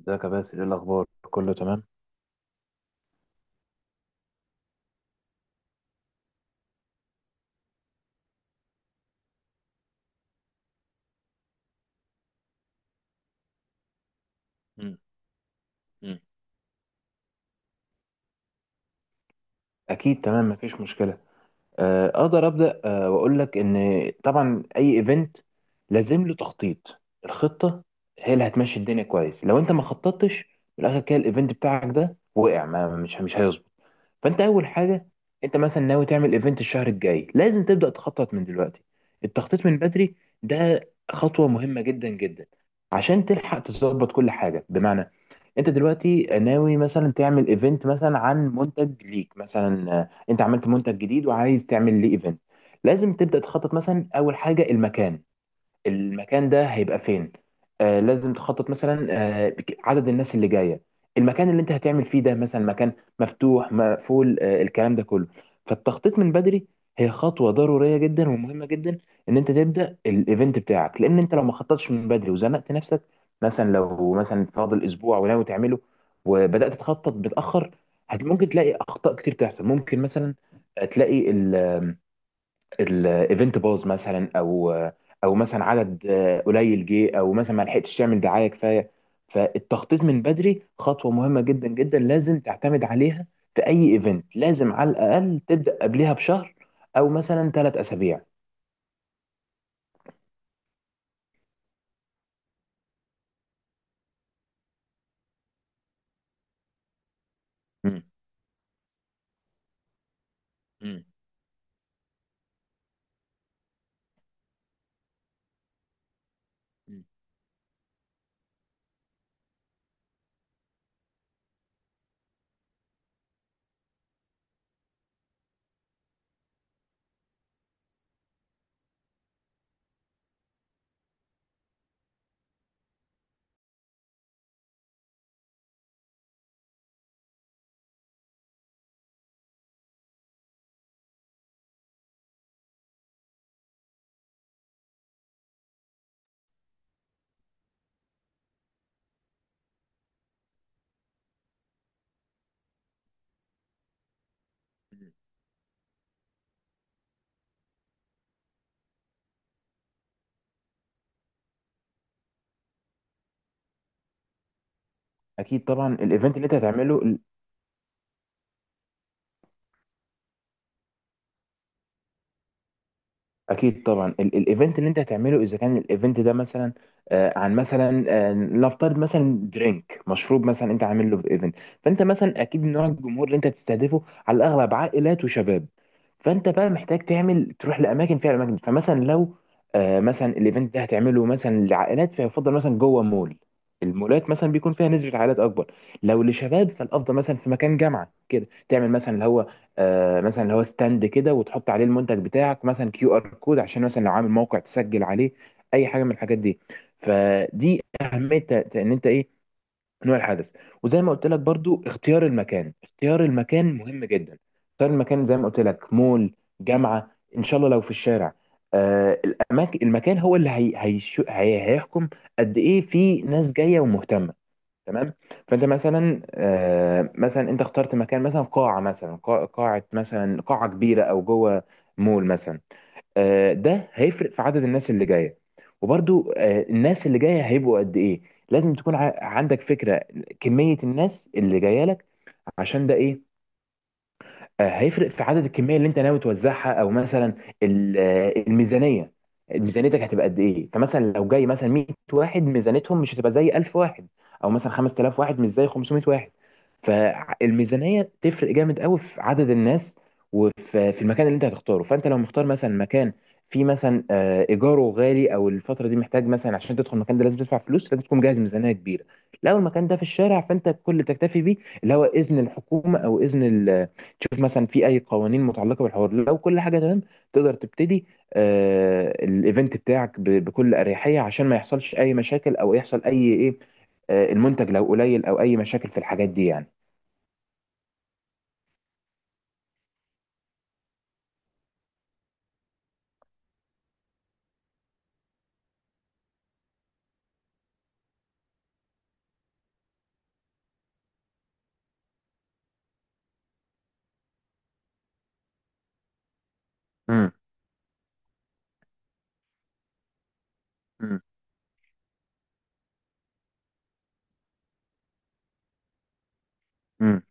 ازيك يا باسل، ايه الاخبار؟ كله تمام. مم. مم. اكيد تمام، مفيش مشكله. اقدر ابدا واقول لك ان طبعا اي ايفنت لازم له تخطيط. الخطه هي اللي هتمشي الدنيا كويس، لو انت ما خططتش في الاخر كده الايفنت بتاعك ده وقع ما مش هيظبط. فانت اول حاجه، انت مثلا ناوي تعمل ايفنت الشهر الجاي لازم تبدا تخطط من دلوقتي. التخطيط من بدري ده خطوه مهمه جدا جدا، عشان تلحق تظبط كل حاجه. بمعنى، انت دلوقتي ناوي مثلا تعمل ايفنت مثلا عن منتج ليك، مثلا انت عملت منتج جديد وعايز تعمل ليه ايفنت. لازم تبدا تخطط مثلا، اول حاجه المكان. المكان ده هيبقى فين؟ آه لازم تخطط مثلا، عدد الناس اللي جايه، المكان اللي انت هتعمل فيه ده مثلا مكان مفتوح، مقفول، آه الكلام ده كله. فالتخطيط من بدري هي خطوه ضروريه جدا ومهمه جدا ان انت تبدا الايفنت بتاعك، لان انت لو ما خططتش من بدري وزنقت نفسك، مثلا لو مثلا فاضل اسبوع وناوي تعمله وبدات تخطط متاخر، ممكن تلاقي اخطاء كتير تحصل. ممكن مثلا تلاقي الايفنت باظ مثلا، او مثلا عدد قليل جه، او مثلا ما لحقتش تعمل دعايه كفايه. فالتخطيط من بدري خطوه مهمه جدا جدا، لازم تعتمد عليها في اي ايفنت. لازم على الاقل تبدا قبلها بشهر، او مثلا ثلاث اسابيع. مم. مم. مم. اكيد طبعا الايفنت اللي انت هتعمله. اكيد طبعا الايفنت اللي انت هتعمله، اذا كان الايفنت ده مثلا عن مثلا، نفترض مثلا درينك، مشروب مثلا انت عامل له في ايفنت. فانت مثلا اكيد نوع الجمهور اللي انت تستهدفه على الاغلب عائلات وشباب. فانت بقى محتاج تعمل تروح لاماكن فيها اماكن. فمثلا لو مثلا الايفنت ده هتعمله مثلا لعائلات، فيفضل مثلا جوه مول. المولات مثلا بيكون فيها نسبة عائلات اكبر. لو لشباب فالافضل مثلا في مكان جامعة كده، تعمل مثلا اللي هو مثلا اللي هو ستاند كده وتحط عليه المنتج بتاعك، مثلا كيو ار كود عشان مثلا لو عامل موقع تسجل عليه اي حاجه من الحاجات دي. فدي اهميه ان انت ايه نوع الحدث. وزي ما قلت لك برضو اختيار المكان، اختيار المكان مهم جدا. اختيار المكان زي ما قلت لك، مول، جامعه، ان شاء الله لو في الشارع، آه المكان هو اللي هي هيحكم قد ايه في ناس جايه ومهتمه. تمام. فانت مثلا مثلا انت اخترت مكان، مثلا قاعه، مثلا قاعه، مثلا قاعه كبيره او جوه مول مثلا. ده هيفرق في عدد الناس اللي جايه، وبرضو الناس اللي جايه هيبقوا قد ايه. لازم تكون عندك فكره كميه الناس اللي جايه لك، عشان ده ايه، هيفرق في عدد الكميه اللي انت ناوي توزعها، او مثلا الميزانيه. ميزانيتك هتبقى قد ايه؟ فمثلا لو جاي مثلا 100 واحد، ميزانيتهم مش هتبقى زي 1000 واحد، او مثلا 5000 واحد مش زي 500 واحد. فالميزانيه تفرق جامد قوي في عدد الناس، وفي المكان اللي انت هتختاره. فانت لو مختار مثلا مكان فيه مثلا ايجاره غالي، او الفتره دي محتاج مثلا عشان تدخل المكان ده لازم تدفع فلوس، لازم تكون جاهز ميزانيه كبيره. لو المكان ده في الشارع، فانت كل اللي تكتفي بيه اللي هو اذن الحكومه، او اذن تشوف مثلا في اي قوانين متعلقه بالحوار. لو كل حاجه تمام تقدر تبتدي آه الايفنت بتاعك بكل اريحيه، عشان ما يحصلش اي مشاكل او يحصل اي ايه، آه المنتج لو قليل او اي مشاكل في الحاجات دي يعني. امم. امم. امم.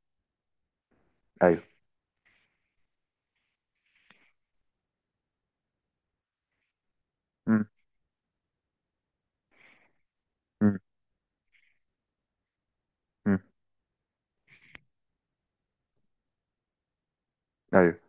ايوه. امم. امم. ايوه.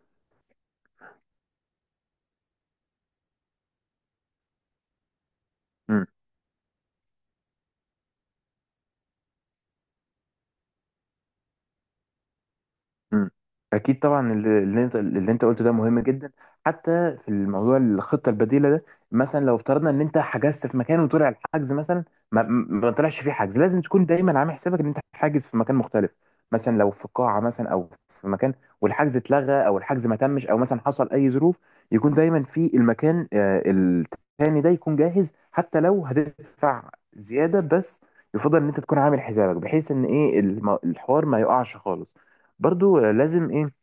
مم. اكيد طبعا اللي انت قلته ده مهم جدا، حتى في الموضوع الخطه البديله ده. مثلا لو افترضنا ان انت حجزت في مكان وطلع الحجز مثلا ما طلعش فيه حجز، لازم تكون دايما عامل حسابك ان انت حاجز في مكان مختلف. مثلا لو في قاعه مثلا او في مكان، والحجز اتلغى او الحجز ما تمش او مثلا حصل اي ظروف، يكون دايما في المكان التاني ده يكون جاهز، حتى لو هتدفع زياده بس يفضل ان انت تكون عامل حسابك بحيث ان ايه الحوار ما يقعش خالص. برضو لازم ايه،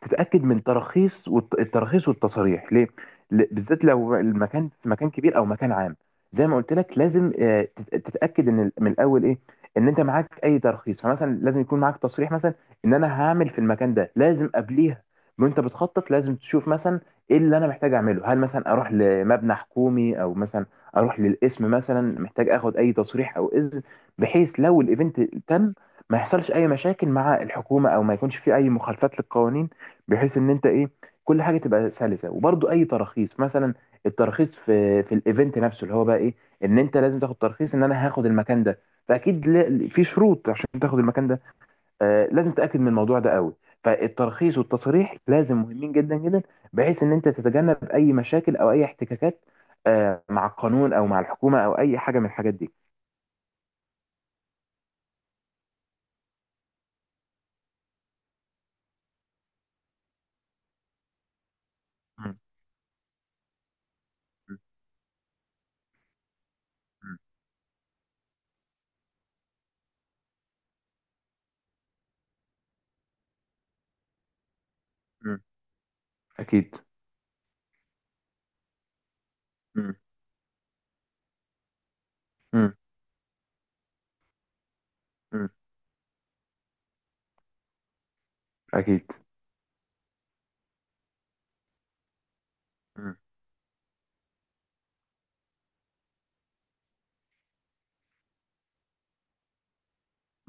تتاكد من تراخيص التراخيص والتصاريح ليه، بالذات لو المكان في مكان كبير او مكان عام. زي ما قلت لك لازم تتاكد ان من الاول ايه ان انت معاك اي ترخيص. فمثلا لازم يكون معاك تصريح مثلا ان انا هعمل في المكان ده، لازم قبليها وانت بتخطط لازم تشوف مثلا ايه اللي انا محتاج اعمله. هل مثلا اروح لمبنى حكومي، او مثلا اروح للقسم، مثلا محتاج اخد اي تصريح او اذن، بحيث لو الايفنت تم ما يحصلش اي مشاكل مع الحكومه، او ما يكونش في اي مخالفات للقوانين، بحيث ان انت ايه كل حاجه تبقى سلسه. وبرضو اي تراخيص، مثلا التراخيص في الايفنت نفسه، اللي هو بقى ايه ان انت لازم تاخد ترخيص ان انا هاخد المكان ده. فاكيد في شروط عشان تاخد المكان ده، آه لازم تاكد من الموضوع ده قوي. فالترخيص والتصريح لازم، مهمين جدا جدا، بحيث ان انت تتجنب اي مشاكل او اي احتكاكات آه مع القانون او مع الحكومه، او اي حاجه من الحاجات دي. مم. مم. مم. اكيد. مم. مم. مم. اكيد.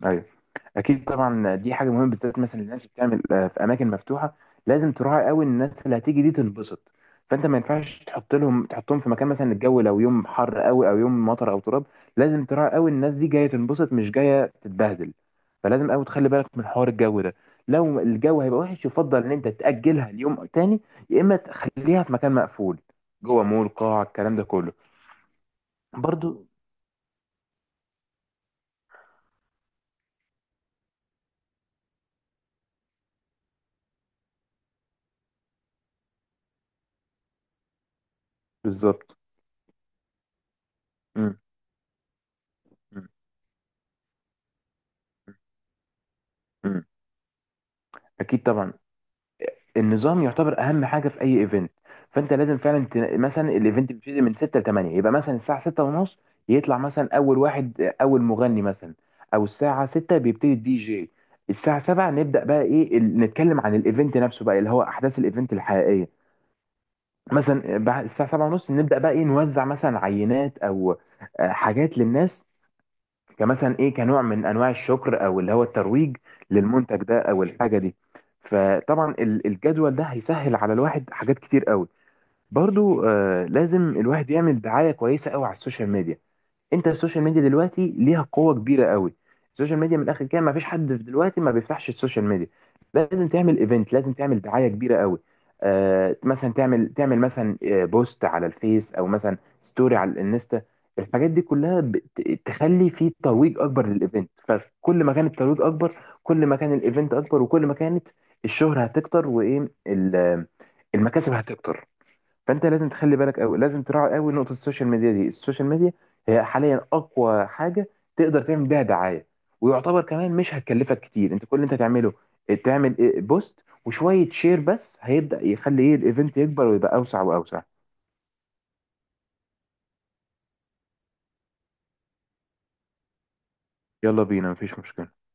ايوه. اكيد طبعا دي حاجه مهمه، بالذات مثلا الناس اللي بتعمل في اماكن مفتوحه، لازم تراعي قوي إن الناس اللي هتيجي دي تنبسط. فانت ما ينفعش تحطهم في مكان مثلا الجو لو يوم حر قوي، او يوم مطر، او تراب. لازم تراعي قوي إن الناس دي جايه تنبسط، مش جايه تتبهدل. فلازم قوي تخلي بالك من حوار الجو ده. لو الجو هيبقى وحش يفضل ان انت تاجلها ليوم تاني، يا اما تخليها في مكان مقفول، جوه مول، قاعه، الكلام ده كله. برضو. بالظبط. مم. مم. مم. اكيد طبعا، النظام يعتبر اهم حاجه في اي ايفنت. فانت لازم فعلا مثلا الايفنت بيبتدي من 6 ل 8، يبقى مثلا الساعه 6 ونص يطلع مثلا اول مغني مثلا، او الساعه 6 بيبتدي الدي جي. الساعه 7 نبدا بقى ايه نتكلم عن الايفنت نفسه، بقى اللي هو احداث الايفنت الحقيقيه. مثلا بعد الساعه 7 ونص نبدا بقى ايه، نوزع مثلا عينات او حاجات للناس، كمثلا ايه، كنوع من انواع الشكر، او اللي هو الترويج للمنتج ده او الحاجه دي. فطبعا الجدول ده هيسهل على الواحد حاجات كتير قوي. برضو آه لازم الواحد يعمل دعايه كويسه قوي على السوشيال ميديا. انت السوشيال ميديا دلوقتي ليها قوه كبيره قوي. السوشيال ميديا من الاخر كده ما فيش حد في دلوقتي ما بيفتحش السوشيال ميديا. لازم تعمل ايفنت، لازم تعمل دعايه كبيره قوي، آه مثلا تعمل تعمل مثلا بوست على الفيس، او مثلا ستوري على الانستا. الحاجات دي كلها تخلي في ترويج اكبر للايفنت. فكل ما كان الترويج اكبر، كل ما كان الايفنت اكبر، وكل ما كانت الشهرة هتكتر، وايه المكاسب هتكتر. فانت لازم تخلي بالك قوي، لازم تراعي قوي نقطه السوشيال ميديا دي. السوشيال ميديا هي حاليا اقوى حاجه تقدر تعمل بيها دعايه، ويعتبر كمان مش هتكلفك كتير. انت كل اللي انت تعمله، تعمل إيه؟ بوست وشويه شير بس، هيبدا يخلي ايه الايفنت يكبر، ويبقى اوسع واوسع. يلا بينا، مفيش مشكله.